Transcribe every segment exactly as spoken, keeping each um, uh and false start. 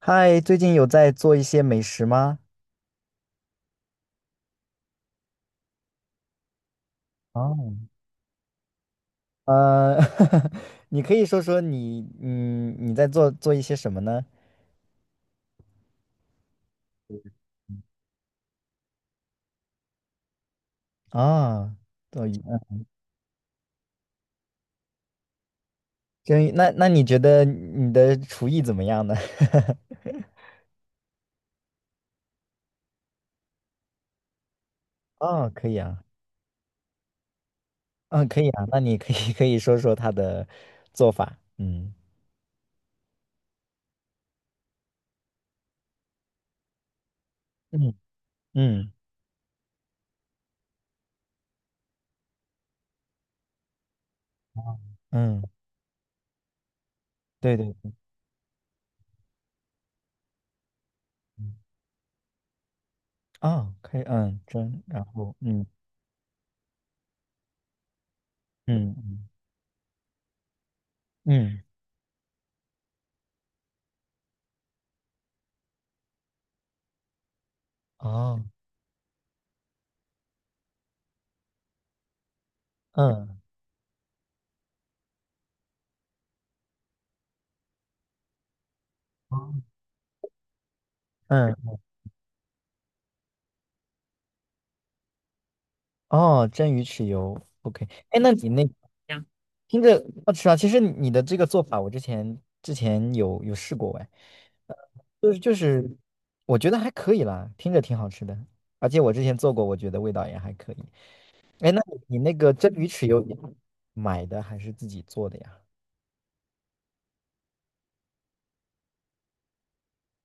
嗨，最近有在做一些美食吗？哦，呃，你可以说说你，嗯，你在做做一些什么呢？啊，做鱼，嗯。真鱼，那那你觉得你的厨艺怎么样呢？哦，可以啊。嗯，可以啊，那你可以 可以说说它的做法，嗯。嗯嗯嗯对对。哦，可以，嗯，蒸，然后嗯。嗯嗯，嗯，哦，嗯。哦，嗯。哦，蒸鱼豉油，OK。哎，那你那呀，听着好吃啊！其实你的这个做法，我之前之前有有试过哎。就是就是，我觉得还可以啦，听着挺好吃的，而且我之前做过，我觉得味道也还可以。哎，那你那个蒸鱼豉油你买的还是自己做的呀？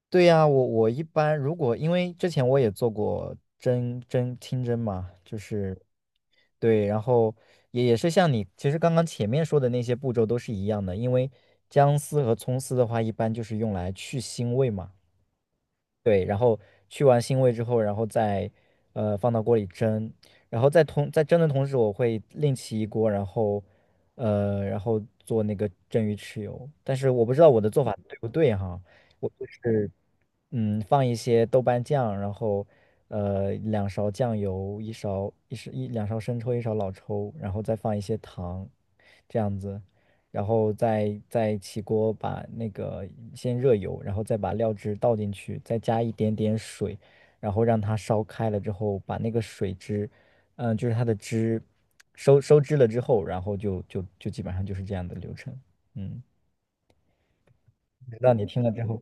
对呀，我我一般如果因为之前我也做过蒸蒸清蒸嘛，就是对。然后也也是像你其实刚刚前面说的那些步骤都是一样的，因为姜丝和葱丝的话，一般就是用来去腥味嘛。对，然后去完腥味之后，然后再呃放到锅里蒸，然后在同在蒸的同时，我会另起一锅，然后呃然后做那个蒸鱼豉油，但是我不知道我的做法对不对哈。我就是嗯，放一些豆瓣酱，然后呃两勺酱油，一勺一勺一两勺生抽，一勺老抽，然后再放一些糖，这样子。然后再再起锅把那个先热油，然后再把料汁倒进去，再加一点点水，然后让它烧开了之后，把那个水汁，嗯、就是它的汁收收汁了之后，然后就就就基本上就是这样的流程。嗯，不知道你听了之后，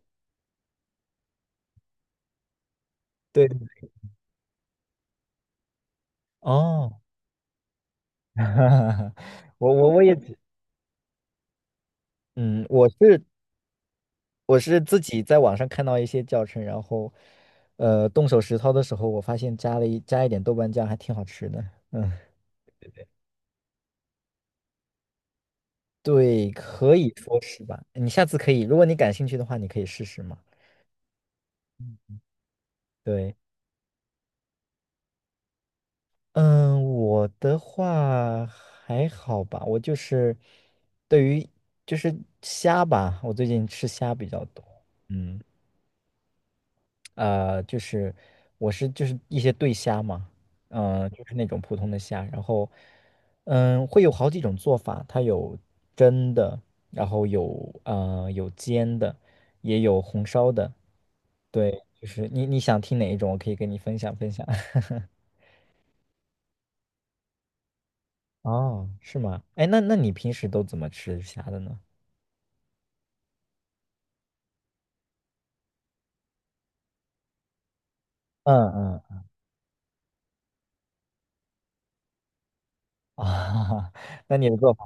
对，哦。我我我也只，嗯，我是我是自己在网上看到一些教程，然后，呃，动手实操的时候，我发现加了一加一点豆瓣酱还挺好吃的。嗯，对，可以说是吧。你下次可以，如果你感兴趣的话，你可以试试嘛。对。嗯，我的话还好吧，我就是对于就是虾吧，我最近吃虾比较多。嗯。呃，就是我是就是一些对虾嘛，嗯、呃就是那种普通的虾，然后嗯，会有好几种做法，它有蒸的，然后有呃有煎的，也有红烧的。对，就是你你想听哪一种，我可以跟你分享分享。哦，是吗？哎，那那你平时都怎么吃虾的呢？嗯嗯啊，那你的做法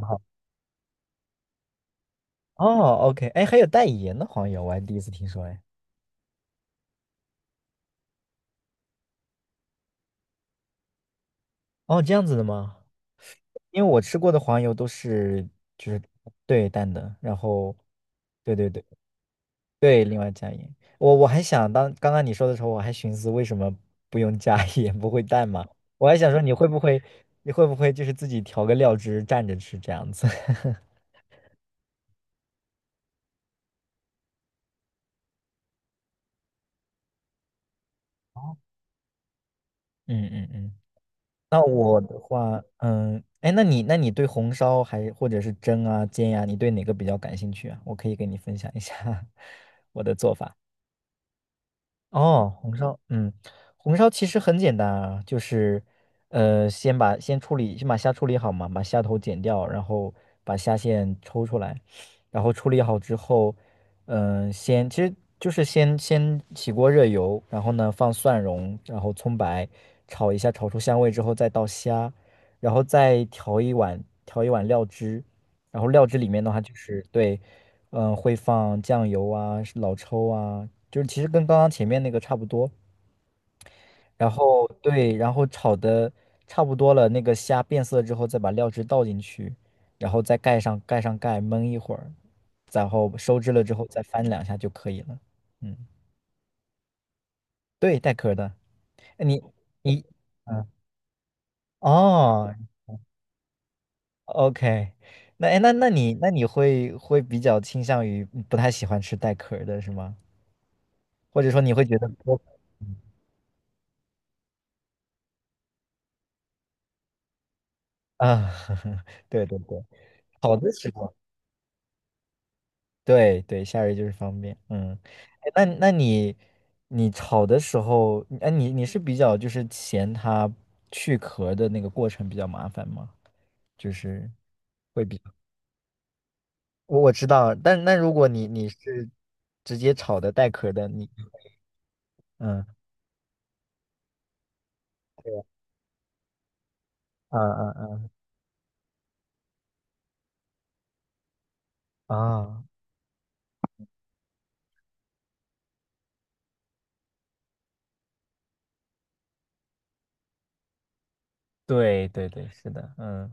哦，OK。哎，还有带盐的黄油，我还第一次听说哎。哦，这样子的吗？因为我吃过的黄油都是就是对淡的，然后对对对对，另外加盐。我我还想当刚刚你说的时候，我还寻思为什么不用加 盐，不会淡嘛？我还想说你会不会你会不会就是自己调个料汁蘸着吃这样子？嗯嗯嗯。那我的话，嗯，哎，那你那你对红烧还或者是蒸啊煎呀、你对哪个比较感兴趣啊？我可以给你分享一下 我的做法。哦，红烧，嗯，红烧其实很简单啊，就是，呃，先把先处理，先把虾处理好嘛，把虾头剪掉，然后把虾线抽出来，然后处理好之后，嗯、先其实就是先先起锅热油，然后呢放蒜蓉，然后葱白，炒一下，炒出香味之后再倒虾，然后再调一碗调一碗料汁，然后料汁里面的话就是对，嗯，会放酱油啊、是老抽啊，就是其实跟刚刚前面那个差不多。然后对，然后炒的差不多了，那个虾变色之后，再把料汁倒进去，然后再盖上盖上盖，焖一会儿，然后收汁了之后再翻两下就可以了。嗯，对，带壳儿的。哎你你，嗯，哦，OK，那哎那那你那你会会比较倾向于不太喜欢吃带壳儿的是吗？或者说你会觉得多啊，对对对，好的时候，对对，夏日就是方便，嗯。哎那那你你炒的时候，哎，你你是比较就是嫌它去壳的那个过程比较麻烦吗？就是会比较我我知道，但那如果你你是直接炒的带壳的，你嗯，啊啊啊啊，对对对，是的，嗯。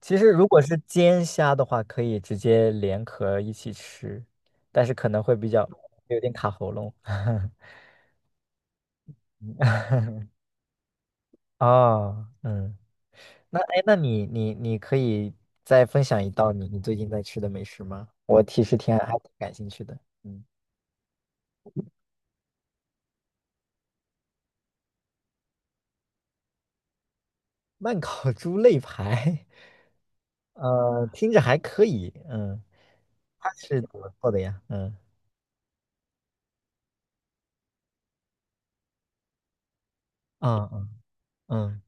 其实如果是煎虾的话，可以直接连壳一起吃，但是可能会比较有点卡喉咙。哦，嗯，那哎，那你你你可以再分享一道你你最近在吃的美食吗？我其实挺还还挺感兴趣的。嗯，慢烤猪肋排，呃，听着还可以。嗯，它是怎么做的呀？嗯，啊啊嗯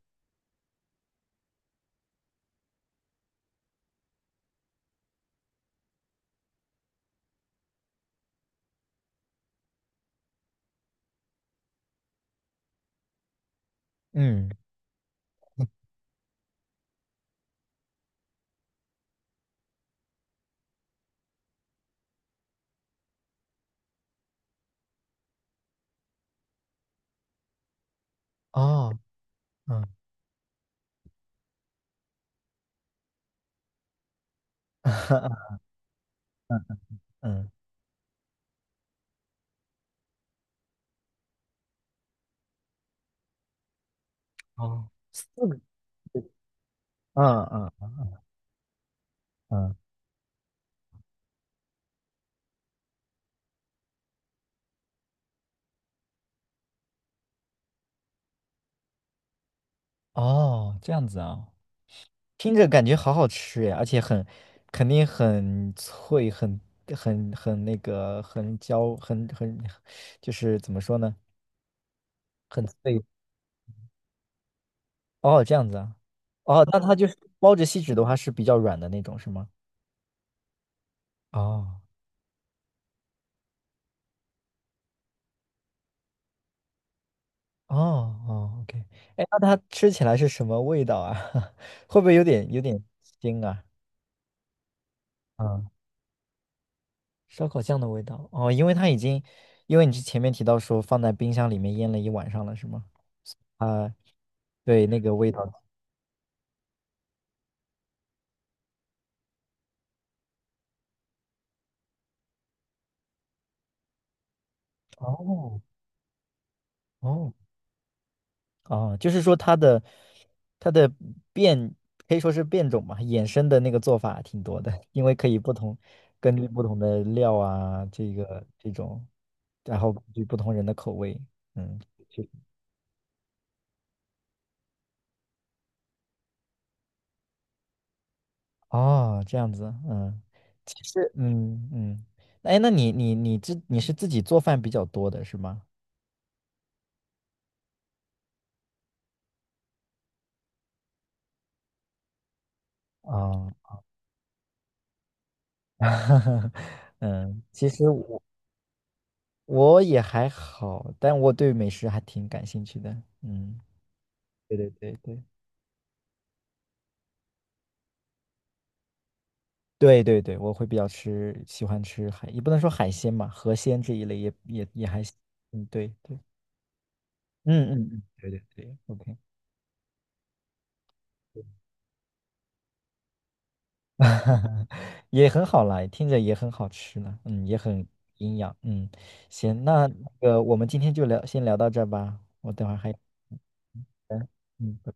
嗯哦嗯 嗯，哦，四个，嗯嗯。嗯。哦，这样子啊，听着感觉好好吃呀，而且很，肯定很脆，很很很那个，很焦，很很，就是怎么说呢，很脆。哦，这样子啊。哦，那它就是包着锡纸的话是比较软的那种，是吗？哦哦哦，OK。哎，那它吃起来是什么味道啊？会不会有点有点腥啊？嗯，烧烤酱的味道哦，因为它已经，因为你之前面提到说放在冰箱里面腌了一晚上了，是吗？啊，对，那个味道，哦哦哦，就是说它的它的变可以说是变种嘛，衍生的那个做法挺多的，因为可以不同根据不同的料啊，这个这种，然后根据不同人的口味，嗯，是哦，这样子，嗯，其实，嗯嗯。哎，那你你你自你是自己做饭比较多的是吗？啊，嗯，其实我我也还好，但我对美食还挺感兴趣的。嗯，对对对对对对对，我会比较吃，喜欢吃海，也不能说海鲜嘛，河鲜这一类也也也还行。嗯，对对，嗯嗯嗯，对对对，OK。也很好啦，听着也很好吃呢，嗯，也很营养，嗯。行，那那个我们今天就聊，先聊到这儿吧，我等会儿还有，嗯，拜拜。